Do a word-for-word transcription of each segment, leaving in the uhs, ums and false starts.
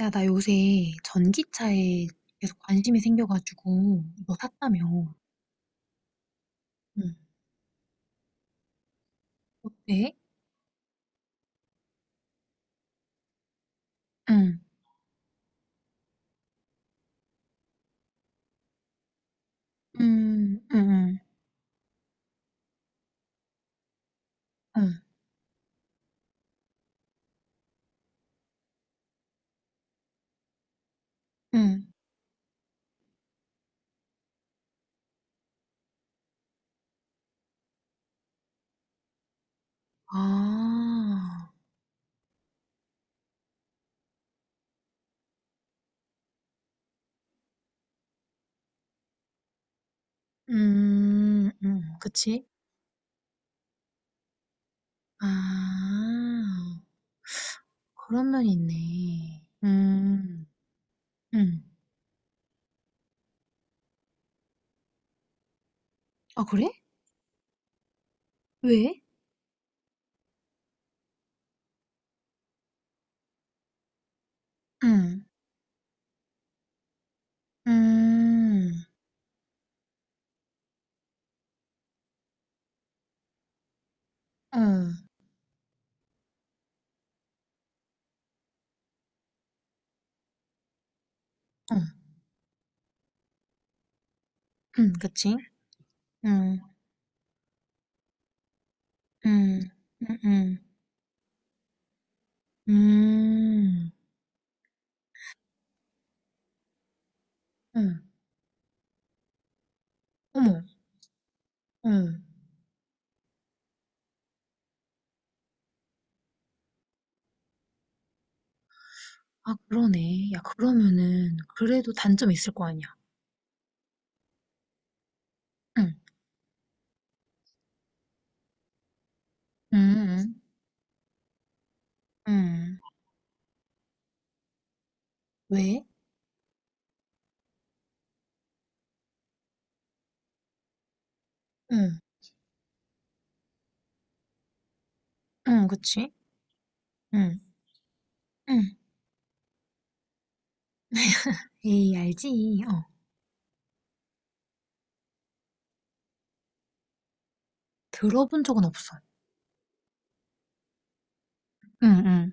야, 나 요새 전기차에 계속 관심이 생겨가지고 이거 샀다며. 응. 어때? 응. 음, 음, 음, 음, 음. 아, 음, 음, 그치? 아, 그런 면이 있네. 음, 음. 아, 그래? 왜? 음, 음, 어. 어. 음, 그치? 음, 음, 음, 음, 음, 음. 어머, 응. 아 그러네. 야 그러면은 그래도 단점이 있을 거 아니야. 응. 응응. 응. 응. 왜? 응. 응, 그치? 응. 응. 에이, 알지. 어. 들어본 적은 없어. 응, 응.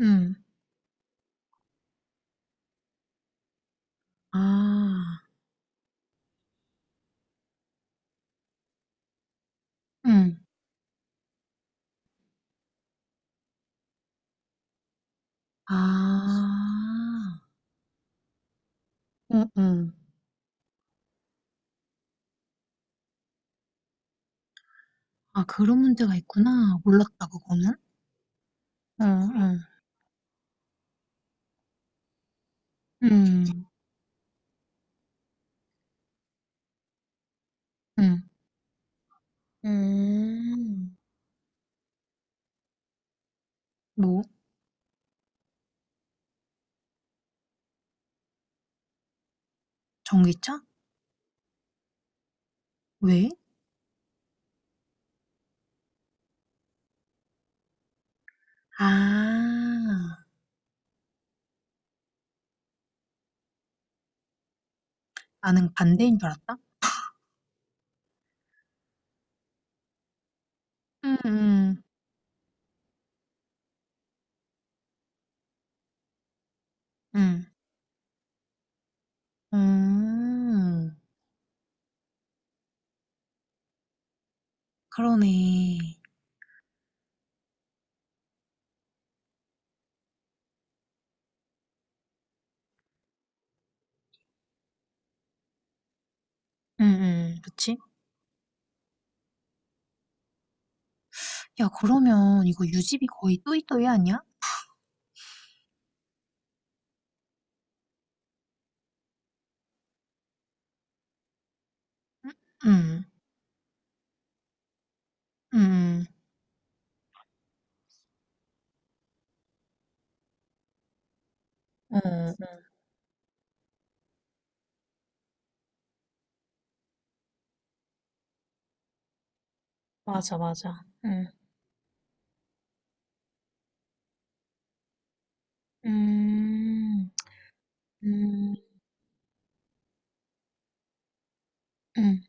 응. 아. 응. 아. 응, 응. 아, 그런 문제가 있구나. 몰랐다, 그거는. 응, 응. 응. 응. 음. 뭐? 전기차? 왜? 아. 나는 반대인 줄 알았다. 음음. 음. 음. 음. 그러네. 음음. 그치? 야, 그러면 이거 유지비 거의 또이또이 아니야? 음. 음. 응, 응. 맞아, 맞아. 응. 음, 음, 응,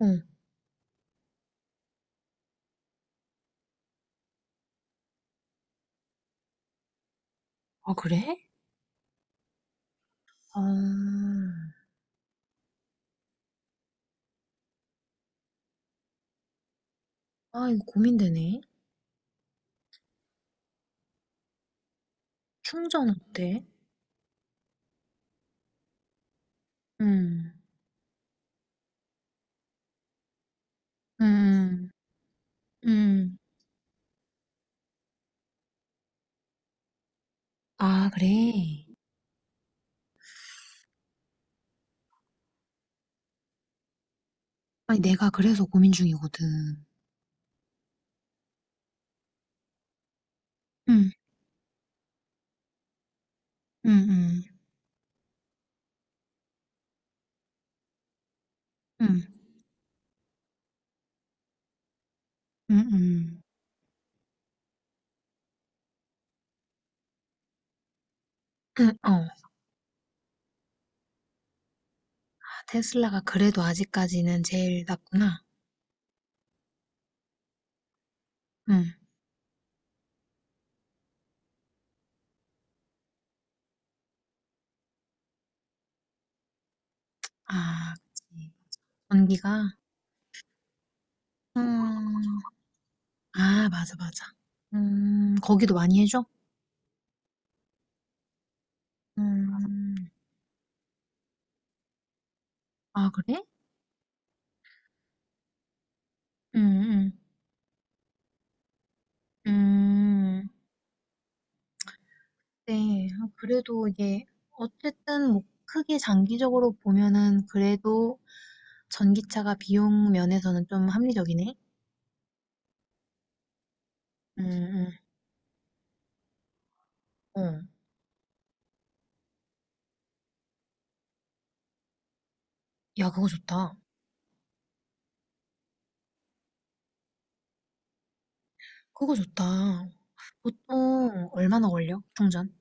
응. 아, 그래? 아, 아, 이거 고민되네. 충전 어때? 음. 음. 음. 아, 그래. 아니, 내가 그래서 고민 중이거든. 응, 응, 응. 응. 응응. 응, 어. 아, 테슬라가 그래도 아직까지는 제일 낫구나. 응. 아, 그치. 전기가? 음. 아, 맞아, 맞아. 음, 거기도 많이 해줘? 음. 아, 그래? 음, 음. 음. 네. 아, 그래도 이게, 어쨌든 뭐, 크게 장기적으로 보면은 그래도 전기차가 비용 면에서는 좀 합리적이네. 음, 음. 어. 야, 그거 좋다. 그거 좋다. 보통 얼마나 걸려? 충전?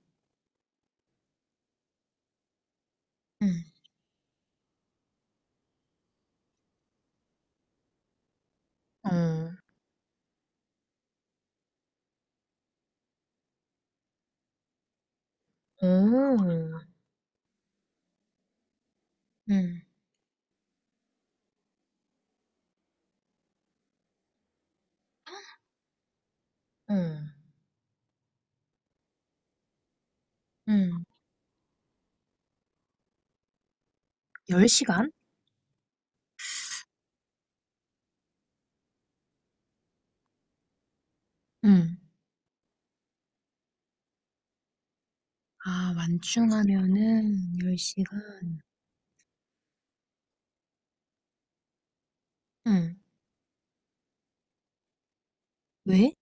음. 어. 오. 음. 어. 음. 열 시간? 음. 아 완충하면은 열 시간. 응. 왜?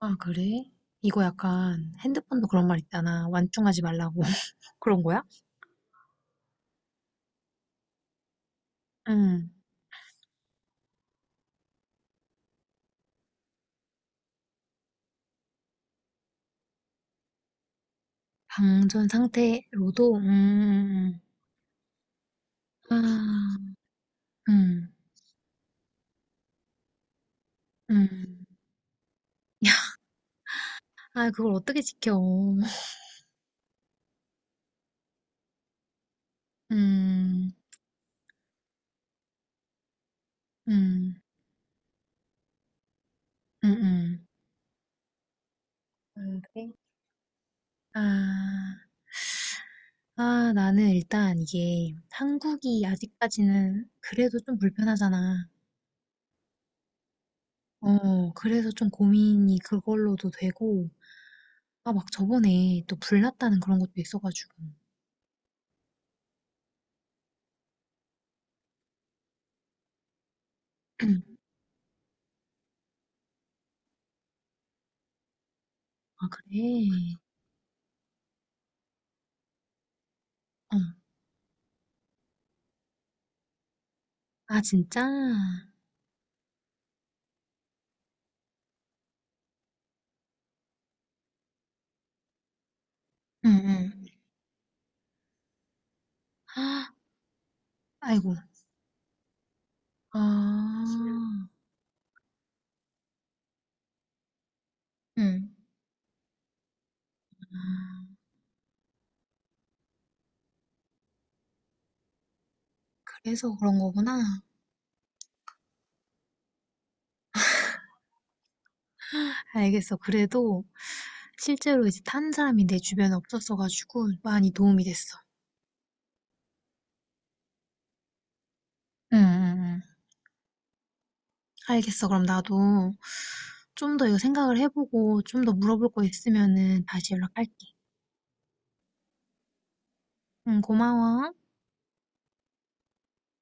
아 그래? 이거 약간 핸드폰도 그런 말 있잖아. 완충하지 말라고. 그런 거야? 음. 방전 상태로도 음. 아. 음. 음. 아 그걸 어떻게 지켜. 음. 음. 음음. 음 음, 그래? 아. 아, 나는 일단 이게 한국이 아직까지는 그래도 좀 불편하잖아. 어, 그래서 좀 고민이 그걸로도 되고, 아, 막 저번에 또 불났다는 그런 것도 있어가지고. 아, 그래? 어. 아, 진짜? 응, 응. 아, 아이고. 아, 응, 아, 그래서 그런 거구나. 알겠어. 그래도 실제로 이제 탄 사람이 내 주변에 없었어가지고 많이 도움이 됐어. 응, 응, 알겠어. 그럼 나도 좀 더 이거 생각을 해보고 좀 더 물어볼 거 있으면은 다시 연락할게. 응, 고마워.